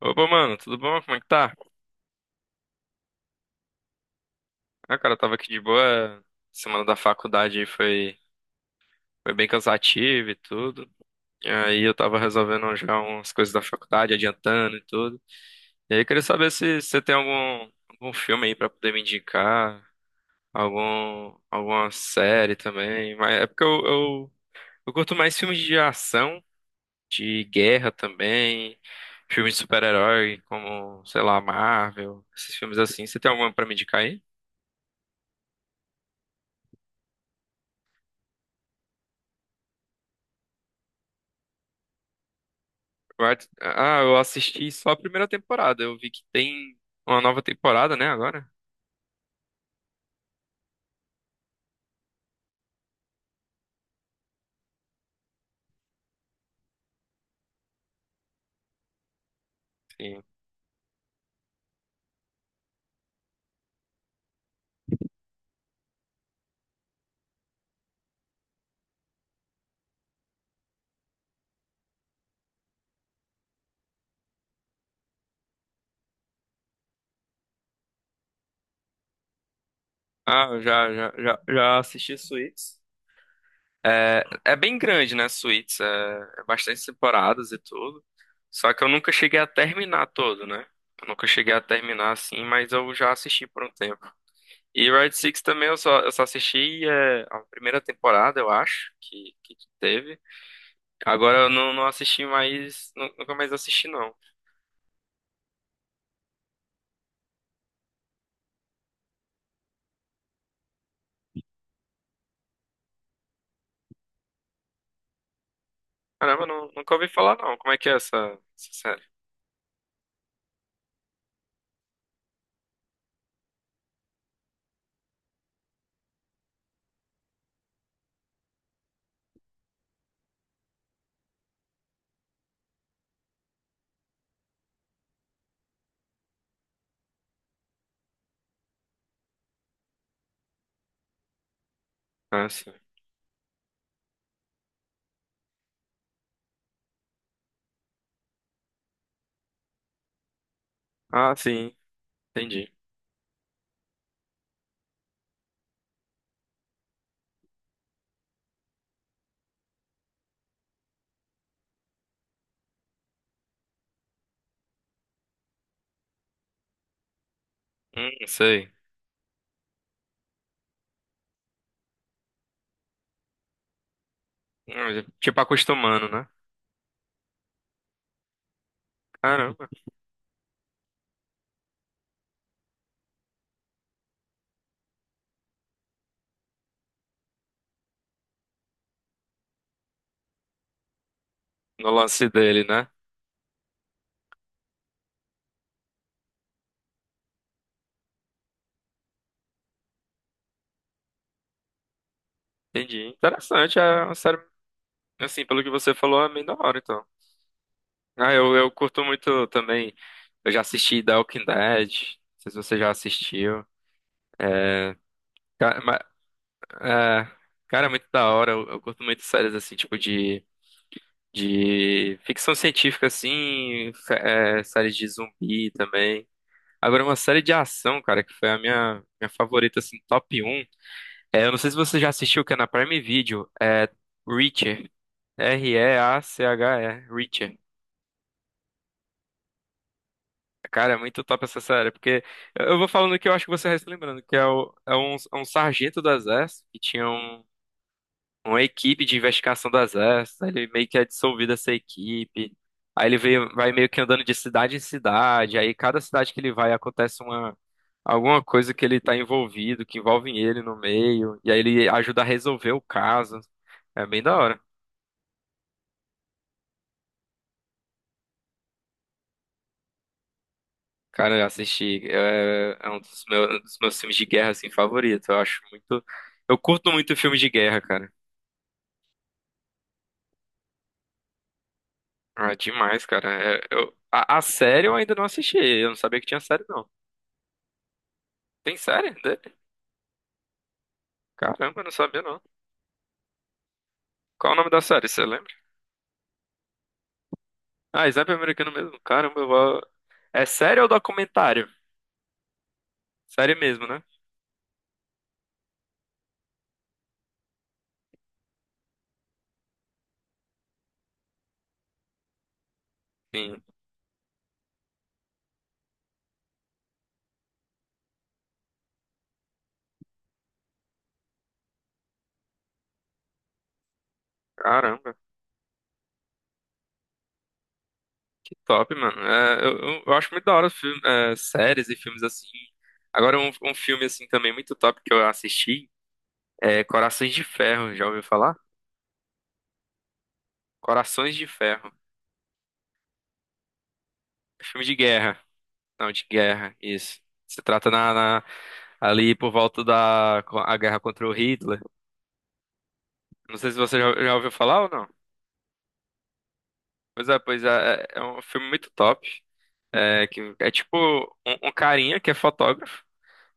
Opa, mano, tudo bom? Como é que tá? Ah, cara, eu tava aqui de boa. Semana da faculdade aí foi bem cansativa e tudo. E aí eu tava resolvendo já umas coisas da faculdade, adiantando e tudo. E aí eu queria saber se você tem algum filme aí pra poder me indicar, alguma série também. Mas é porque eu curto mais filmes de ação, de guerra também, filmes de super-herói, como, sei lá, Marvel, esses filmes assim. Você tem alguma pra me indicar aí? Ah, eu assisti só a primeira temporada. Eu vi que tem uma nova temporada, né, agora? Sim. Ah, eu já assisti Suits. É, é bem grande, né, Suits? É bastante temporadas e tudo. Só que eu nunca cheguei a terminar todo, né? Eu nunca cheguei a terminar assim, mas eu já assisti por um tempo. E Red Six também eu só assisti a primeira temporada, eu acho, que teve. Agora eu não, não assisti mais, nunca mais assisti, não. Caramba, não, nunca ouvi falar não. Como é que é essa série? Ah, sim. Ah, sim. Entendi. Sei. Tipo acostumando, né? Caramba. No lance dele, né? Entendi. Interessante. É uma série, assim, pelo que você falou, é bem da hora, então. Ah, eu curto muito também. Eu já assisti The Walking Dead. Não sei se você já assistiu. É, ca- ma- é, cara, é muito da hora. Eu curto muito séries, assim, tipo de ficção científica, assim, séries de zumbi também. Agora, uma série de ação, cara, que foi a minha favorita, assim, top um. É, eu não sei se você já assistiu, que é na Prime Video, é Reacher. REACHE, Reacher. Cara, é muito top essa série, porque eu vou falando que eu acho que você vai se lembrando, que é, o- é um sargento do exército que tinha uma equipe de investigação do exército, aí ele meio que é dissolvido essa equipe. Aí ele veio, vai meio que andando de cidade em cidade, aí cada cidade que ele vai acontece uma alguma coisa que ele tá envolvido, que envolve ele no meio, e aí ele ajuda a resolver o caso. É bem da hora. Cara, eu assisti, é um dos um dos meus filmes de guerra assim favorito. Eu acho muito, eu curto muito filmes de guerra, cara. Ah, demais, cara. A série eu ainda não assisti. Eu não sabia que tinha série, não. Tem série? Caramba, eu não sabia não. Qual o nome da série, você lembra? Ah, Sniper Americano mesmo. Caramba, eu vou É série ou documentário? Série mesmo, né? Sim. Caramba, que top, mano. Eu acho muito da hora filme, séries e filmes assim. Agora, um filme assim também muito top que eu assisti é Corações de Ferro, já ouviu falar? Corações de Ferro. É filme de guerra. Não, de guerra, isso. Se trata na, na- ali por volta da a guerra contra o Hitler. Não sei se você já ouviu falar ou não. Pois é, é um filme muito top. É, que é tipo um carinha que é fotógrafo,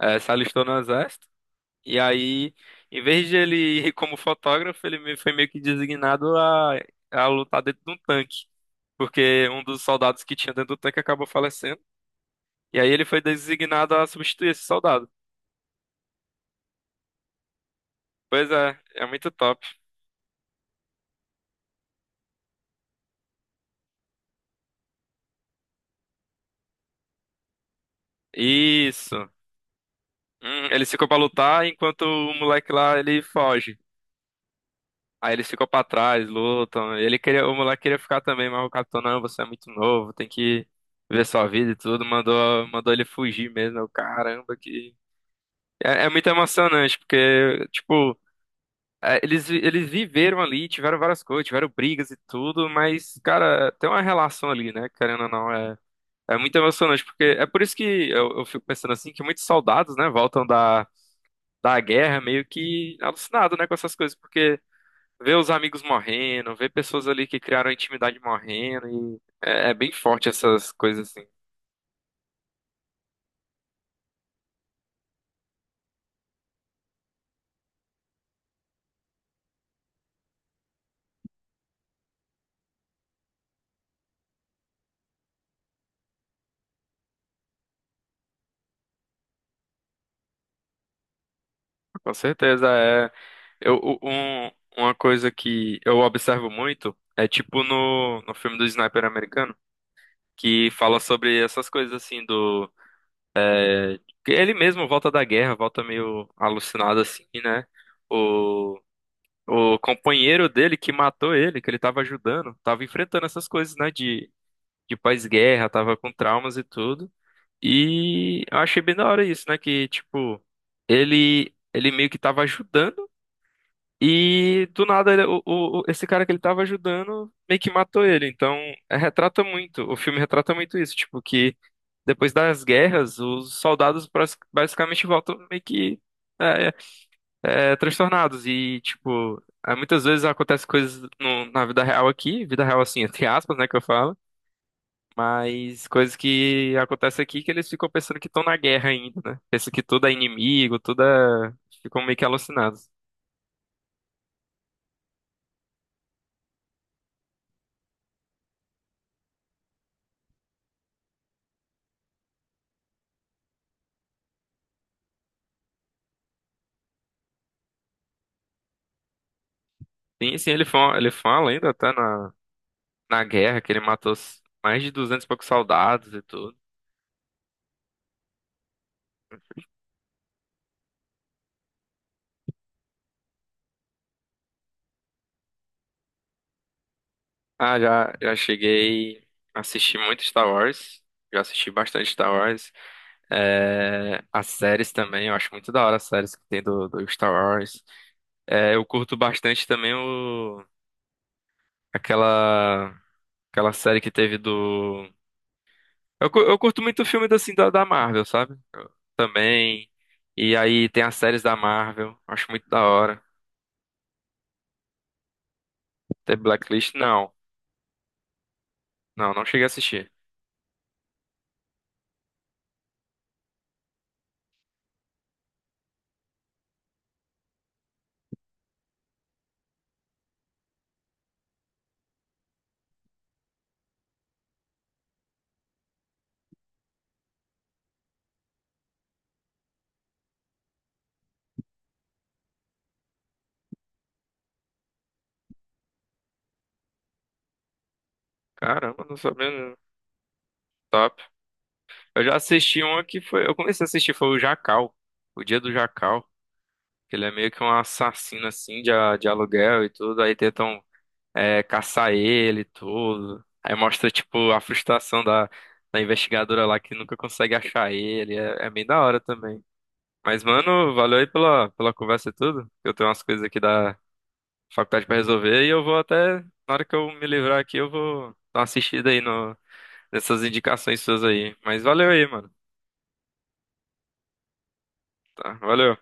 se alistou no exército, e aí, em vez de ele ir como fotógrafo, foi meio que designado a lutar dentro de um tanque, porque um dos soldados que tinha dentro do tanque acabou falecendo, e aí ele foi designado a substituir esse soldado. Pois é, é muito top. Isso. Ele ficou pra lutar enquanto o moleque lá ele foge. Aí eles ficam pra trás, lutam. Ele queria, o moleque queria ficar também, mas o capitão, não, você é muito novo, tem que ver sua vida e tudo. Mandou ele fugir mesmo. Eu, caramba, que. É, é muito emocionante, porque, tipo, eles viveram ali, tiveram várias coisas, tiveram brigas e tudo, mas, cara, tem uma relação ali, né? Querendo ou não, é muito emocionante, porque é por isso que eu fico pensando assim, que muitos soldados, né, voltam da guerra meio que alucinados, né, com essas coisas, porque ver os amigos morrendo, ver pessoas ali que criaram intimidade morrendo é bem forte essas coisas assim. Com certeza é. Eu, u- um- uma coisa que eu observo muito é tipo no filme do Sniper americano, que fala sobre essas coisas assim do que ele mesmo volta da guerra, volta meio alucinado assim, né? O, o companheiro dele que matou ele, que ele tava ajudando, tava enfrentando essas coisas, né? De pós-guerra, tava com traumas e tudo. E eu achei bem da hora isso, né? Que, tipo, ele meio que tava ajudando e do nada esse cara que ele tava ajudando meio que matou ele. Então, retrata muito, o filme retrata muito isso, tipo, que depois das guerras, os soldados basicamente voltam meio que é, é, transtornados. E, tipo, é, muitas vezes acontecem coisas na vida real aqui, vida real assim, entre aspas, né, que eu falo. Mas coisas que acontecem aqui que eles ficam pensando que estão na guerra ainda, né? Pensam que tudo é inimigo, tudo é Ficam meio que alucinados. Sim, sim, ele fala ainda até na guerra que ele matou mais de 200 e poucos soldados e tudo. Ah, já, já cheguei a assistir muito Star Wars. Já assisti bastante Star Wars. É, as séries também, eu acho muito da hora as séries que tem do Star Wars. É, eu curto bastante também aquela, aquela série que teve do eu curto muito filme assim, da Marvel, sabe? Eu também. E aí tem as séries da Marvel. Acho muito da hora. Tem Blacklist? Não. Não, não cheguei a assistir. Caramba, não sabia, não. Top. Eu já assisti uma que foi, eu comecei a assistir, foi o Jacal. O Dia do Jacal. Que ele é meio que um assassino assim de aluguel e tudo. Aí tentam caçar ele e tudo. Aí mostra, tipo, a frustração da investigadora lá que nunca consegue achar ele. É, é bem da hora também. Mas, mano, valeu aí pela conversa e tudo. Eu tenho umas coisas aqui da faculdade pra resolver e eu vou até, na hora que eu me livrar aqui, eu vou dar uma assistida aí no, nessas indicações suas aí. Mas valeu aí, mano. Tá, valeu.